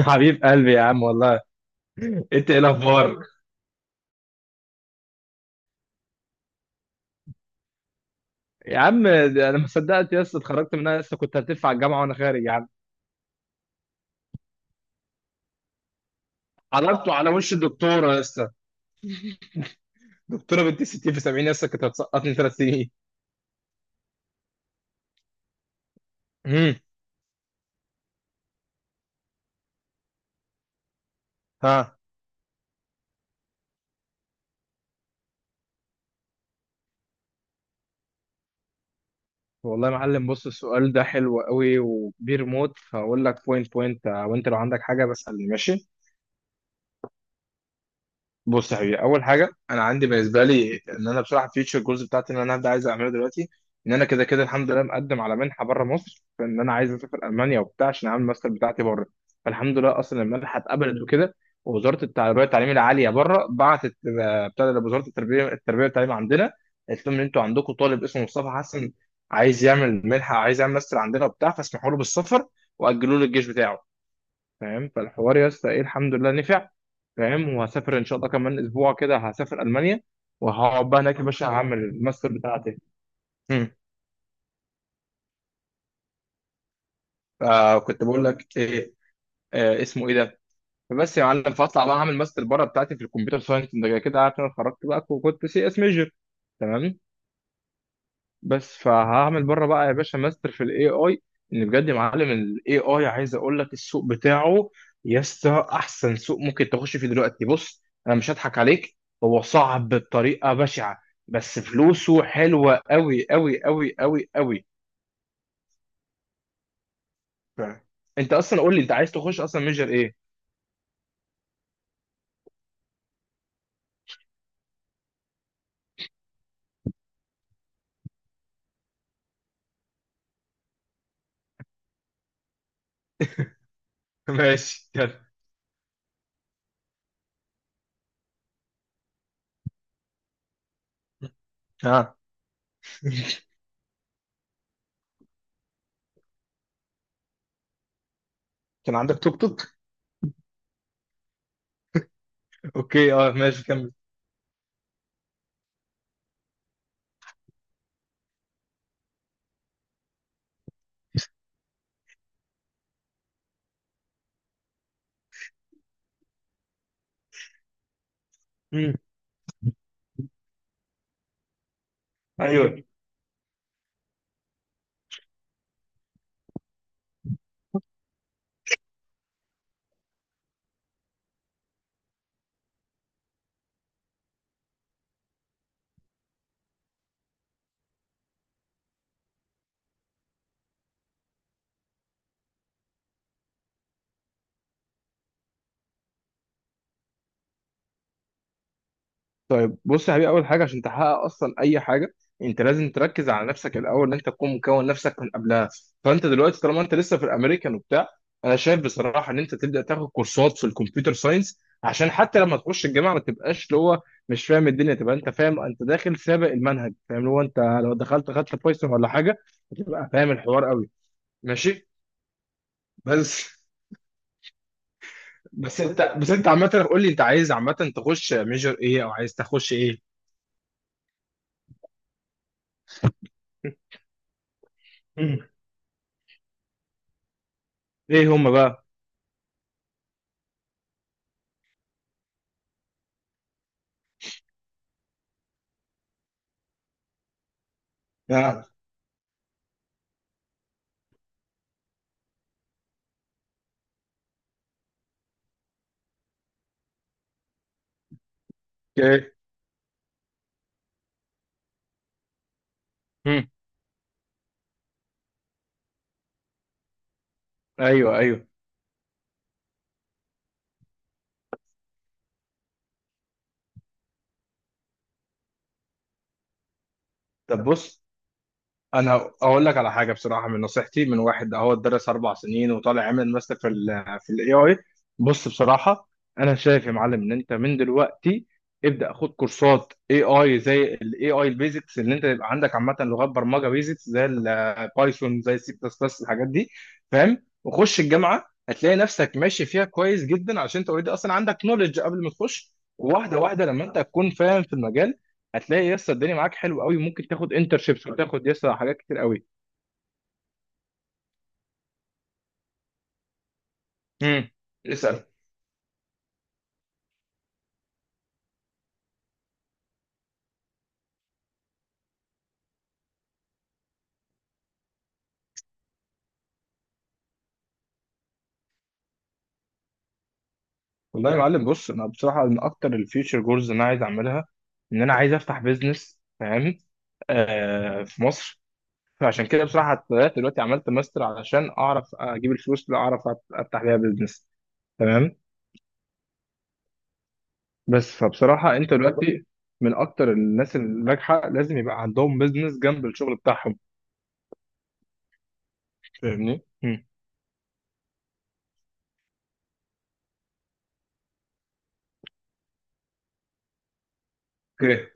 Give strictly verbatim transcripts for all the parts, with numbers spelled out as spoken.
حبيب قلبي يا عم والله. انت ايه الاخبار يا عم؟ ده انا ما صدقت يا اسطى، اتخرجت منها لسه، كنت هتدفع الجامعه وانا خارج يا عم. حضرته على وش الدكتوره يا اسطى. دكتوره بنت ستين في سبعين يا اسطى، كانت هتسقطني ثلاث سنين. امم. ها. والله يا معلم، بص، السؤال ده حلو قوي وكبير موت، فاقول لك بوينت بوينت، وانت لو عندك حاجه بسألني، ماشي. بص يا حبيبي، اول حاجه انا عندي بالنسبه لي ان انا بصراحه فيوتشر جولز بتاعتي ان انا هبدا عايز اعملها دلوقتي. ان انا كده كده الحمد لله مقدم على منحه بره مصر، فان انا عايز اسافر المانيا وبتاع عشان اعمل الماستر بتاعتي بره. فالحمد لله اصلا المنحه اتقبلت وكده. ووزاره التربيه والتعليم العاليه بره بعتت، آه، بتاع ده وزاره التربيه التربيه والتعليم عندنا، قالت لهم ان انتوا عندكم طالب اسمه مصطفى حسن، عايز يعمل منحه، عايز يعمل ماستر عندنا وبتاع، فاسمحوا له بالسفر، واجلوا له الجيش بتاعه. فاهم، فالحوار يا اسطى ايه؟ الحمد لله نفع. فاهم، وهسافر ان شاء الله كمان اسبوع كده هسافر المانيا. وهقعد بقى هناك يا باشا هعمل الماستر بتاعتي. مم. فكنت بقول لك ايه؟ آه اسمه ايه ده؟ فبس يا معلم، فاطلع بقى اعمل ماستر بره بتاعتي في الكمبيوتر ساينس، انت كده عارف إن انا اتخرجت بقى وكنت سي اس ميجر. تمام. بس فهعمل بره بقى يا باشا ماستر في الاي اي. ان بجد يا معلم الاي اي عايز اقول لك، السوق بتاعه يا اسطى احسن سوق ممكن تخش فيه دلوقتي. بص انا مش هضحك عليك، هو صعب بطريقه بشعه، بس فلوسه حلوه قوي قوي قوي قوي قوي. انت اصلا قول لي انت عايز تخش اصلا ميجر ايه؟ ماشي كان. ها. كان عندك توك توك؟ اوكي، اه، ماشي كمل. مم. ايوه. طيب بص يا حبيبي، اول حاجه عشان تحقق اصلا اي حاجه، انت لازم تركز على نفسك الاول، ان انت تكون مكون نفسك من قبلها. فانت دلوقتي طالما انت لسه في الامريكان وبتاع، انا شايف بصراحه ان انت تبدا تاخد كورسات في الكمبيوتر ساينس، عشان حتى لما تخش الجامعه ما تبقاش اللي هو مش فاهم الدنيا، تبقى انت فاهم انت داخل سابق المنهج. فاهم؟ اللي هو انت لو دخلت خدت بايثون ولا حاجه هتبقى فاهم الحوار قوي. ماشي. بس بس انت بس انت عامه قول لي انت عايز عامه تخش ميجر ايه او عايز تخش ايه؟ مم. ايه هم؟ بقى. اوكي. مم. ايوه ايوه. طب بص، انا اقول لك على حاجه بصراحه، من نصيحتي من واحد اهو درس اربع سنين وطالع عامل ماستر في ال في الاي اي. بص بصراحه، انا شايف يا معلم ان انت من دلوقتي ابدا خد كورسات اي اي زي الاي اي البيزكس، اللي انت يبقى عندك عامه لغات برمجه بيزكس زي البايثون زي السي بلس بلس الحاجات دي، فاهم؟ وخش الجامعه هتلاقي نفسك ماشي فيها كويس جدا، عشان انت اوريدي اصلا عندك نولج قبل ما تخش، واحده واحده لما انت تكون فاهم في المجال هتلاقي يسا الدنيا معاك حلو قوي، ممكن تاخد انترشيبس وتاخد يسا حاجات كتير قوي. امم. اسال. والله يا معلم بص، انا بصراحه من اكتر الفيوتشر جولز اللي انا عايز اعملها ان انا عايز افتح بيزنس، فاهم؟ آه، في مصر. فعشان كده بصراحه بدات دلوقتي عملت ماستر علشان اعرف اجيب الفلوس اللي اعرف أت- افتح بيها بيزنس. تمام. بس فبصراحه انت دلوقتي من اكتر الناس الناجحه لازم يبقى عندهم بيزنس جنب الشغل بتاعهم. فاهمني؟ مم. اوكي.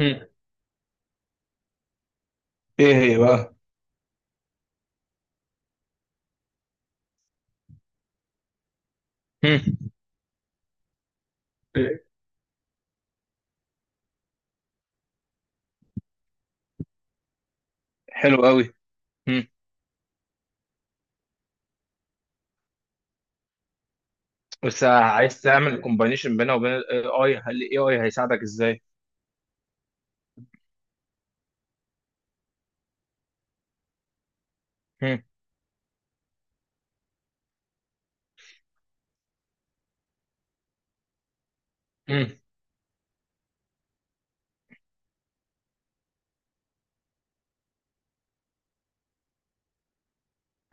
امم. ايه هي بقى؟ امم. حلو قوي. مم. بس عايز تعمل كومبانيشن بينها وبين الاي اي، هل الاي اي هيساعدك ازاي؟ مم. مم.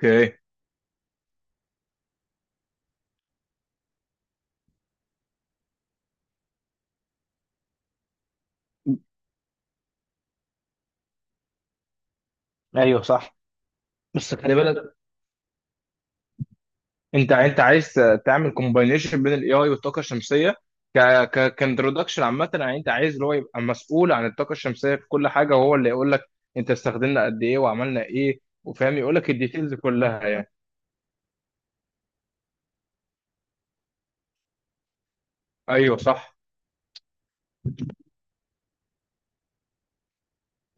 اوكي. ايوه صح. بس خلي بالك، انت انت عايز تعمل كومباينيشن بين الاي اي والطاقه الشمسيه، ك ك كانترودكشن عامه، يعني انت عايز اللي هو يبقى مسؤول عن الطاقه الشمسيه في كل حاجه، وهو اللي يقول لك انت استخدمنا قد ايه وعملنا ايه، وفاهم، يقول لك الديتيلز كلها يعني. ايوه صح.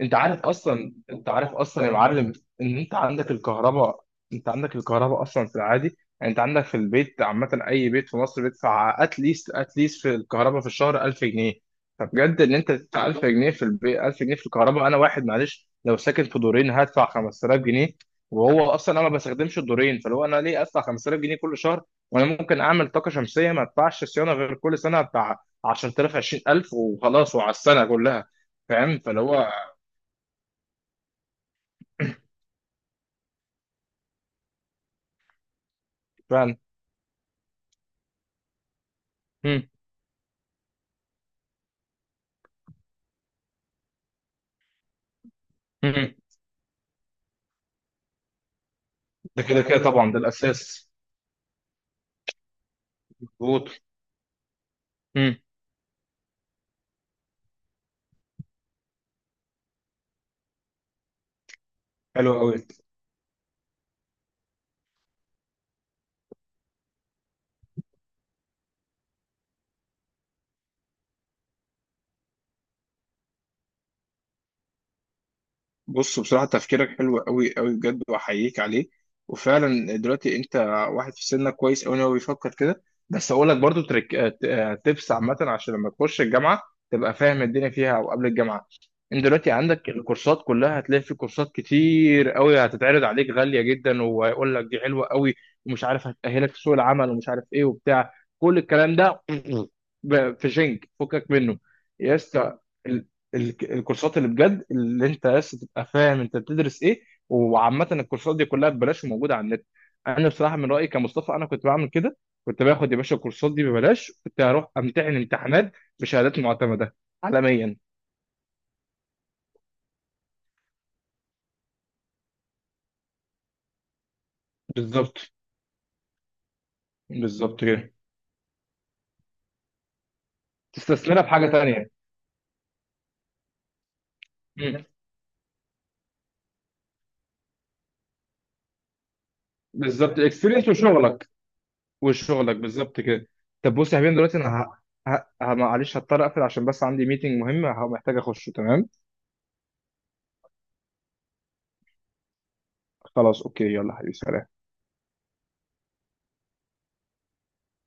انت عارف اصلا انت عارف اصلا يا معلم ان انت عندك الكهرباء. انت عندك الكهرباء اصلا في العادي، يعني انت عندك في البيت، عامه اي بيت في مصر بيدفع اتليست اتليست في الكهرباء في الشهر ألف جنيه. فبجد ان انت تدفع ألف جنيه في البيت، ألف جنيه في الكهرباء. انا واحد معلش لو ساكن في دورين هدفع خمسة آلاف جنيه. وهو اصلا انا ما بستخدمش الدورين، فلو انا ليه ادفع خمسة آلاف جنيه كل شهر؟ وانا ممكن اعمل طاقه شمسيه ما ادفعش صيانه غير كل سنه بتاع عشرة آلاف عشرين ألف وخلاص، وعلى السنه كلها. فاهم، فاللي هو فعلا. مم. مم. ده كده كده طبعا ده الاساس، مظبوط. مم. حلو قوي. بص بصراحة، تفكيرك حلو قوي قوي بجد وأحييك عليه. وفعلا دلوقتي أنت واحد في سنك كويس قوي إن هو بيفكر كده. بس أقول لك برضو تريك، آه، ت- آه، تبس عامة عشان لما تخش الجامعة تبقى فاهم الدنيا فيها، أو قبل الجامعة. أنت دلوقتي عندك الكورسات كلها، هتلاقي في كورسات كتير قوي هتتعرض عليك غالية جدا ويقول لك دي حلوة قوي ومش عارف هتأهلك في سوق العمل ومش عارف إيه وبتاع، كل الكلام ده ب- في شنك فكك منه يا اسطى. ال- الكورسات اللي بجد اللي انت بس تبقى فاهم انت بتدرس ايه، وعامه الكورسات دي كلها ببلاش وموجوده على النت. انا بصراحه من رايي كمصطفى، انا كنت بعمل كده، كنت باخد يا باشا الكورسات دي ببلاش، كنت هروح امتحن امتحانات بشهادات معتمده عالميا. بالظبط. بالظبط كده. تستثمرها في حاجه تانيه. مم. بالظبط، الاكسبيرينس وشغلك. وشغلك بالظبط كده. طب بص يا حبيبي دلوقتي انا ه... ه... ه- معلش هضطر اقفل عشان بس عندي ميتنج مهم، محتاج اخشه. تمام. خلاص اوكي، يلا حبيبي، سلام.